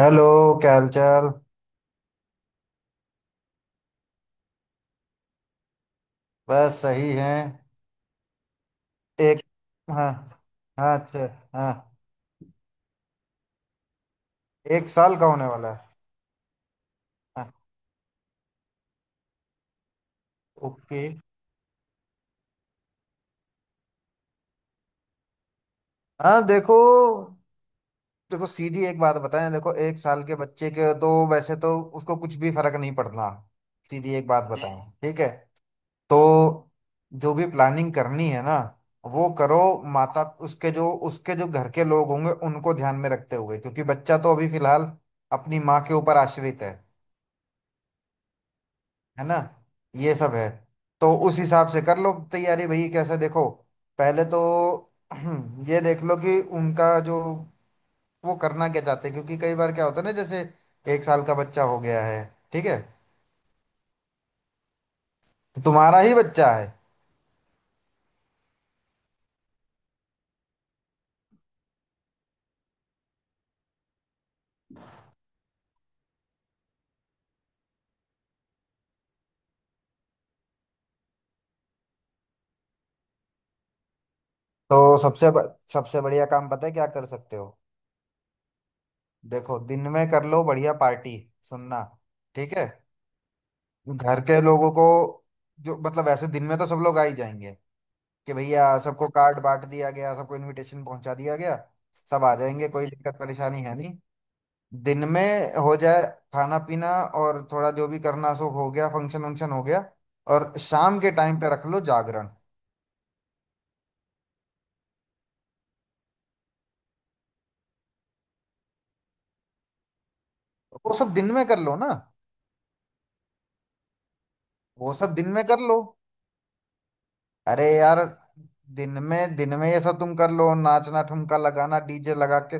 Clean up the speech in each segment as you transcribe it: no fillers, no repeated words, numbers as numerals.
Hello. क्या हाल चाल। बस सही है एक। हाँ। हाँ अच्छा। हाँ एक साल का होने वाला है। हाँ। ओके। हाँ देखो। देखो सीधी एक बात बताएं, देखो एक साल के बच्चे के तो वैसे तो उसको कुछ भी फर्क नहीं पड़ना। सीधी एक बात बताएं, ठीक है। तो जो भी प्लानिंग करनी है ना, वो करो। माता उसके जो घर के लोग होंगे उनको ध्यान में रखते हुए, क्योंकि बच्चा तो अभी फिलहाल अपनी माँ के ऊपर आश्रित है। है ना। ये सब है। तो उस हिसाब से कर लो तैयारी भाई। कैसे देखो, पहले तो ये देख लो कि उनका जो वो करना क्या चाहते हैं, क्योंकि कई बार क्या होता है ना, जैसे एक साल का बच्चा हो गया है। ठीक है, तुम्हारा ही बच्चा है। तो सबसे सबसे बढ़िया काम पता है क्या कर सकते हो। देखो दिन में कर लो बढ़िया पार्टी। सुनना, ठीक है। घर के लोगों को जो मतलब ऐसे दिन में तो सब लोग आ ही जाएंगे कि भैया सबको कार्ड बांट दिया गया, सबको इनविटेशन पहुंचा दिया गया। सब आ जाएंगे, कोई दिक्कत परेशानी है नहीं। दिन में हो जाए खाना पीना और थोड़ा जो भी करना सो हो गया, फंक्शन वंक्शन हो गया। और शाम के टाइम पे रख लो जागरण। वो सब दिन में कर लो ना। वो सब दिन में कर लो। अरे यार दिन में, दिन में ये सब तुम कर लो, नाचना ठुमका लगाना डीजे लगा के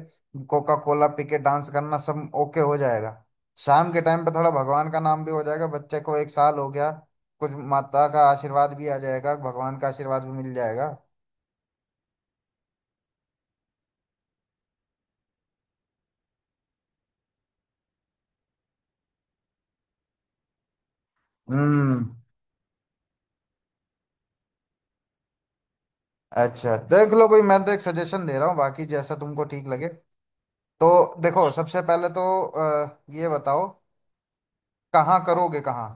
कोका कोला पी के डांस करना, सब ओके हो जाएगा। शाम के टाइम पे थोड़ा भगवान का नाम भी हो जाएगा, बच्चे को एक साल हो गया, कुछ माता का आशीर्वाद भी आ जाएगा, भगवान का आशीर्वाद भी मिल जाएगा। हम्म। अच्छा देख लो भाई, मैं तो एक सजेशन दे रहा हूँ, बाकी जैसा तुमको ठीक लगे। तो देखो सबसे पहले तो ये बताओ कहाँ करोगे कहाँ।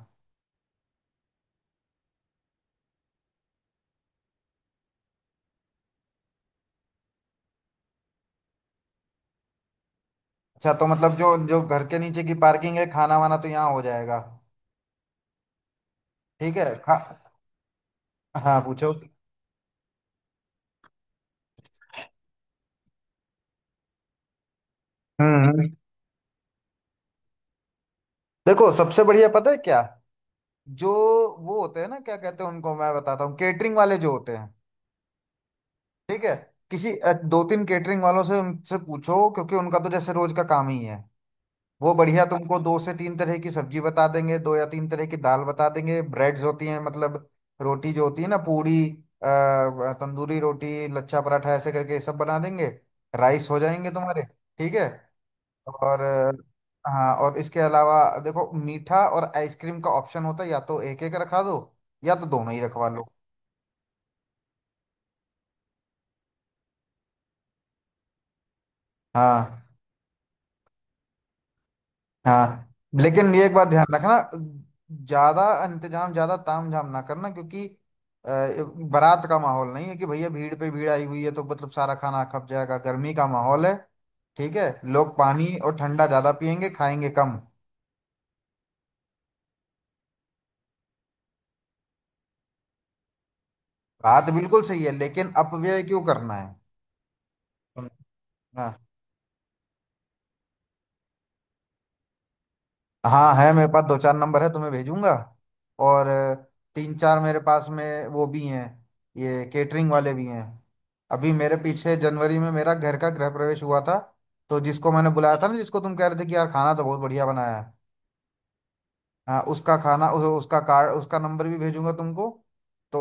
अच्छा तो मतलब जो जो घर के नीचे की पार्किंग है, खाना वाना तो यहाँ हो जाएगा। ठीक है हाँ। हाँ पूछो। हम्म। देखो सबसे बढ़िया पता है क्या, जो वो होते हैं ना, क्या कहते हैं उनको, मैं बताता हूँ, केटरिंग वाले जो होते हैं, ठीक है। किसी दो तीन केटरिंग वालों से उनसे पूछो, क्योंकि उनका तो जैसे रोज का काम ही है। वो बढ़िया तुमको दो से तीन तरह की सब्जी बता देंगे, दो या तीन तरह की दाल बता देंगे, ब्रेड्स होती हैं, मतलब रोटी जो होती है ना, पूड़ी, तंदूरी रोटी, लच्छा पराठा, ऐसे करके सब बना देंगे। राइस हो जाएंगे तुम्हारे, ठीक है। और हाँ, और इसके अलावा देखो मीठा और आइसक्रीम का ऑप्शन होता है, या तो एक एक रखा दो या तो दोनों ही रखवा लो। हाँ हाँ। लेकिन ये एक बात ध्यान रखना, ज्यादा इंतजाम ज्यादा तामझाम ना करना, क्योंकि बारात का माहौल नहीं है कि भैया भीड़ पे भीड़ आई हुई है तो मतलब सारा खाना खप जाएगा। गर्मी का माहौल है, ठीक है। लोग पानी और ठंडा ज्यादा पियेंगे, खाएंगे कम। बात बिल्कुल सही है, लेकिन अपव्यय क्यों करना है। हाँ हाँ है, मेरे पास दो चार नंबर है, तुम्हें भेजूंगा। और तीन चार मेरे पास में वो भी हैं। ये केटरिंग वाले भी हैं। अभी मेरे पीछे जनवरी में मेरा घर का गृह प्रवेश हुआ था, तो जिसको मैंने बुलाया था ना, जिसको तुम कह रहे थे कि यार खाना तो बहुत बढ़िया बनाया है। हाँ उसका खाना उसका कार्ड, उसका नंबर भी भेजूंगा तुमको। तो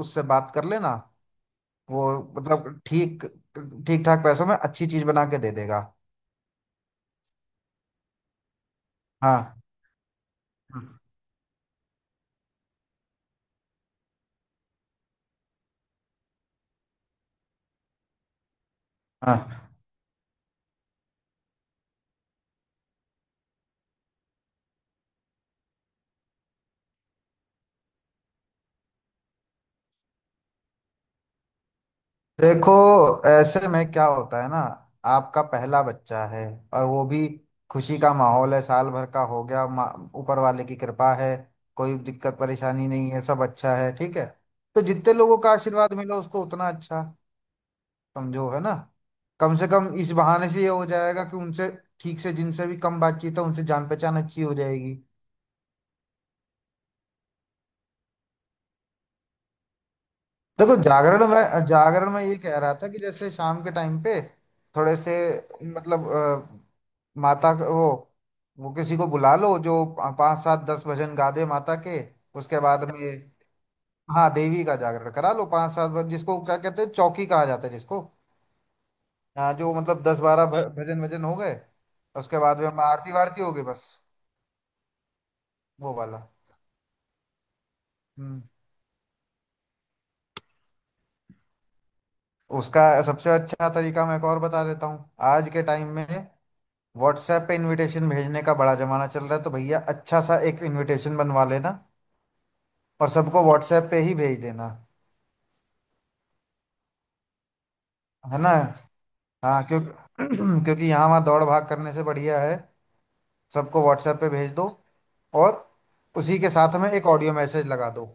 उससे बात कर लेना। वो मतलब ठीक, ठीक ठाक पैसों में अच्छी चीज़ बना के दे देगा। हाँ हाँ। देखो ऐसे में क्या होता है ना, आपका पहला बच्चा है और वो भी खुशी का माहौल है, साल भर का हो गया, ऊपर वाले की कृपा है, कोई दिक्कत परेशानी नहीं है, सब अच्छा है, ठीक है। तो जितने लोगों का आशीर्वाद मिला उसको उतना अच्छा समझो। है ना। कम से कम इस बहाने से ये हो जाएगा कि उनसे ठीक से, जिनसे भी कम बातचीत है, उनसे जान पहचान अच्छी हो जाएगी। देखो जागरण में, जागरण में ये कह रहा था कि जैसे शाम के टाइम पे थोड़े से मतलब वो किसी को बुला लो जो पाँच सात दस भजन गा दे माता के। उसके बाद में हाँ देवी का जागरण करा लो, पाँच सात जिसको क्या कहते हैं, चौकी कहा जाता है जिसको। हाँ जो मतलब 10-12 भ- भजन भजन हो गए, उसके बाद में हम आरती वारती हो गई, बस। वो वाला। हम्म। उसका सबसे अच्छा तरीका मैं एक और बता देता हूँ। आज के टाइम में व्हाट्सएप पे इनविटेशन भेजने का बड़ा जमाना चल रहा है, तो भैया अच्छा सा एक इनविटेशन बनवा लेना और सबको व्हाट्सएप पे ही भेज देना। है ना। हाँ, क्योंकि क्योंकि यहाँ वहाँ दौड़ भाग करने से बढ़िया है सबको व्हाट्सएप पे भेज दो, और उसी के साथ में एक ऑडियो मैसेज लगा दो।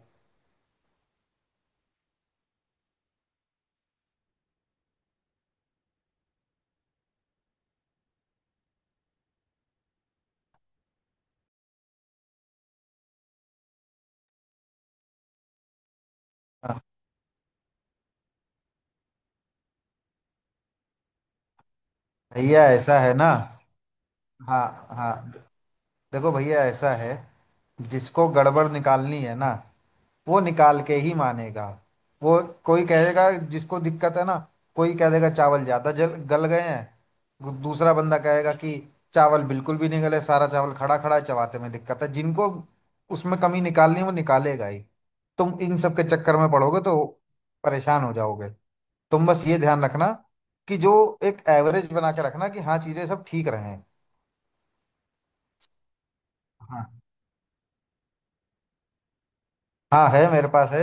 हाँ। भैया ऐसा है ना, हाँ हाँ। देखो भैया ऐसा है, जिसको गड़बड़ निकालनी है ना, वो निकाल के ही मानेगा। वो कोई कहेगा, जिसको दिक्कत है ना, कोई कह देगा चावल ज़्यादा जल गल गए हैं, दूसरा बंदा कहेगा कि चावल बिल्कुल भी नहीं गले, सारा चावल खड़ा खड़ा है, चबाते में दिक्कत है जिनको। उसमें कमी निकालनी है वो निकालेगा ही। तुम इन सब के चक्कर में पड़ोगे तो परेशान हो जाओगे। तुम बस ये ध्यान रखना कि जो एक एवरेज बना के रखना कि हाँ चीज़ें सब ठीक रहें। हाँ हाँ है, मेरे पास है।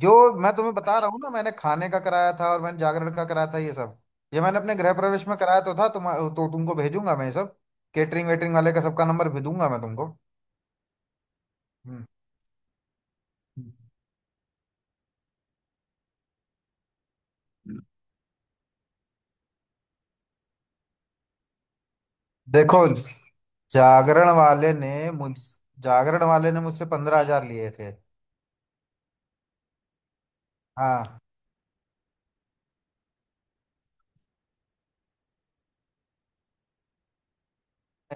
जो मैं तुम्हें बता रहा हूँ ना, मैंने खाने का कराया था और मैंने जागरण का कराया था, ये सब ये मैंने अपने गृह प्रवेश में कराया तो था तुम। तो तुमको भेजूंगा मैं ये सब, केटरिंग वेटरिंग वाले का सबका नंबर भी दूंगा मैं तुमको। हम्म। देखो जागरण वाले ने मुझ जागरण वाले ने मुझसे 15,000 लिए थे। हाँ।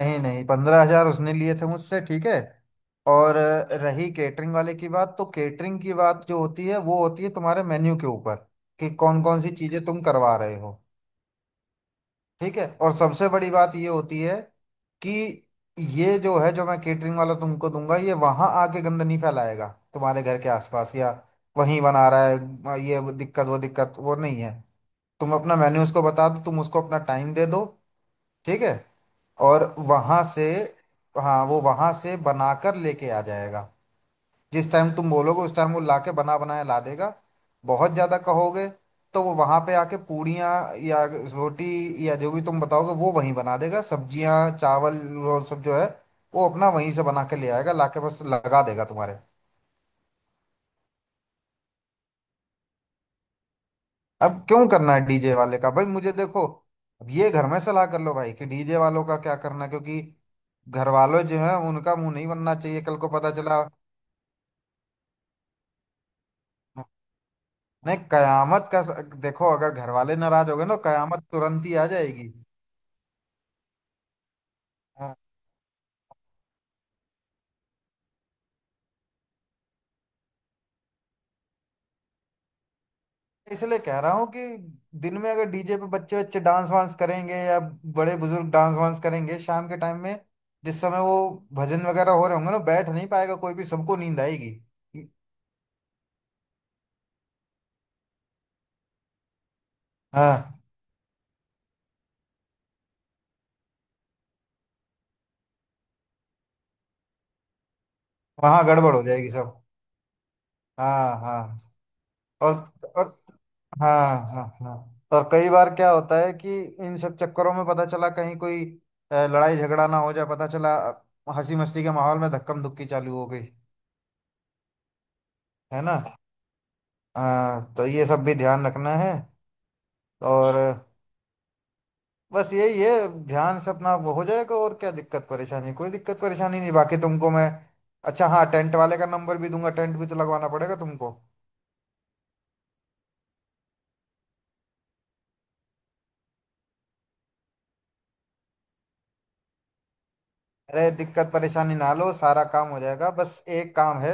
नहीं नहीं, 15,000 उसने लिए थे मुझसे, ठीक है। और रही केटरिंग वाले की बात, तो केटरिंग की बात जो होती है वो होती है तुम्हारे मेन्यू के ऊपर, कि कौन कौन सी चीजें तुम करवा रहे हो, ठीक है। और सबसे बड़ी बात ये होती है कि ये जो है, जो मैं केटरिंग वाला तुमको दूंगा, ये वहां आके गंद नहीं फैलाएगा तुम्हारे घर के आसपास, या वहीं बना रहा है। ये वो दिक्कत वो दिक्कत वो नहीं है। तुम अपना मेन्यू उसको बता दो, तुम उसको अपना टाइम दे दो, ठीक है। और वहां से हाँ, वो वहां से बनाकर लेके आ जाएगा, जिस टाइम तुम बोलोगे उस टाइम वो लाके बना बनाया ला देगा। बहुत ज्यादा कहोगे तो वो वहां पे आके पूड़ियाँ, या रोटी, या जो भी तुम बताओगे वो वहीं बना देगा, सब्जियां चावल और सब जो है वो अपना वहीं से बना के ले आएगा, लाके बस लगा देगा तुम्हारे। अब क्यों करना है डीजे वाले का भाई, मुझे देखो, अब ये घर में सलाह कर लो भाई कि डीजे वालों का क्या करना है, क्योंकि घर वालों जो है उनका मुंह नहीं बनना चाहिए कल को पता चला। नहीं, कयामत का देखो, अगर घर वाले नाराज हो गए ना कयामत तुरंत ही आ जाएगी। हाँ। इसलिए कह रहा हूँ कि दिन में अगर डीजे पे बच्चे बच्चे डांस वांस करेंगे या बड़े बुजुर्ग डांस वांस करेंगे, शाम के टाइम में जिस समय वो भजन वगैरह हो रहे होंगे ना, बैठ नहीं पाएगा कोई भी, सबको नींद आएगी। हाँ वहाँ गड़बड़ हो जाएगी सब। हाँ हाँ। और और हाँ हाँ हाँ। और कई बार क्या होता है कि इन सब चक्करों में पता चला कहीं कोई लड़ाई झगड़ा ना हो जाए, पता चला हंसी मस्ती के माहौल में धक्कम धुक्की चालू हो गई। है ना। हाँ तो ये सब भी ध्यान रखना है। और बस यही है, ध्यान से अपना वो हो जाएगा, और क्या दिक्कत परेशानी, कोई दिक्कत परेशानी नहीं, बाकी तुमको मैं, अच्छा हाँ, टेंट वाले का नंबर भी दूंगा, टेंट भी तो लगवाना पड़ेगा तुमको। अरे दिक्कत परेशानी ना लो, सारा काम हो जाएगा, बस एक काम है,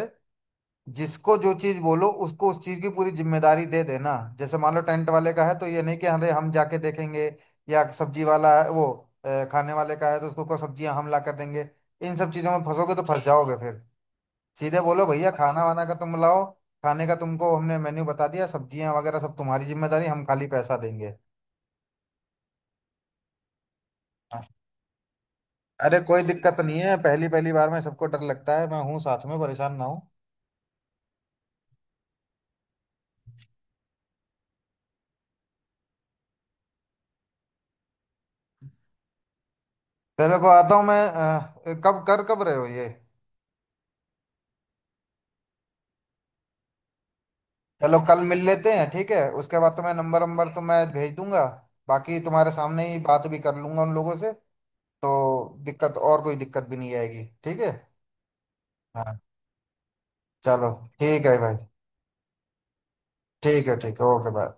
जिसको जो चीज बोलो उसको उस चीज की पूरी जिम्मेदारी दे देना। जैसे मान लो टेंट वाले का है तो ये नहीं कि अरे हम जाके देखेंगे, या सब्जी वाला है वो, खाने वाले का है तो उसको को सब्जियां हम ला कर देंगे, इन सब चीजों में फंसोगे तो फंस जाओगे फिर। सीधे बोलो भैया, खाना वाना का तुम लाओ, खाने का तुमको हमने मेन्यू बता दिया, सब्जियां वगैरह सब तुम्हारी जिम्मेदारी, हम खाली पैसा देंगे। हाँ। अरे कोई दिक्कत नहीं है, पहली पहली बार में सबको डर लगता है, मैं हूँ साथ में, परेशान ना हूँ। चलो को आता हूँ मैं, कब रहे हो ये। चलो कल मिल लेते हैं, ठीक है, उसके बाद तुम्हें नंबर नंबर तो मैं भेज दूंगा, बाकी तुम्हारे सामने ही बात भी कर लूंगा उन लोगों से। तो दिक्कत और कोई दिक्कत भी नहीं आएगी, ठीक है हाँ। चलो ठीक है भाई। ठीक है ओके बाय।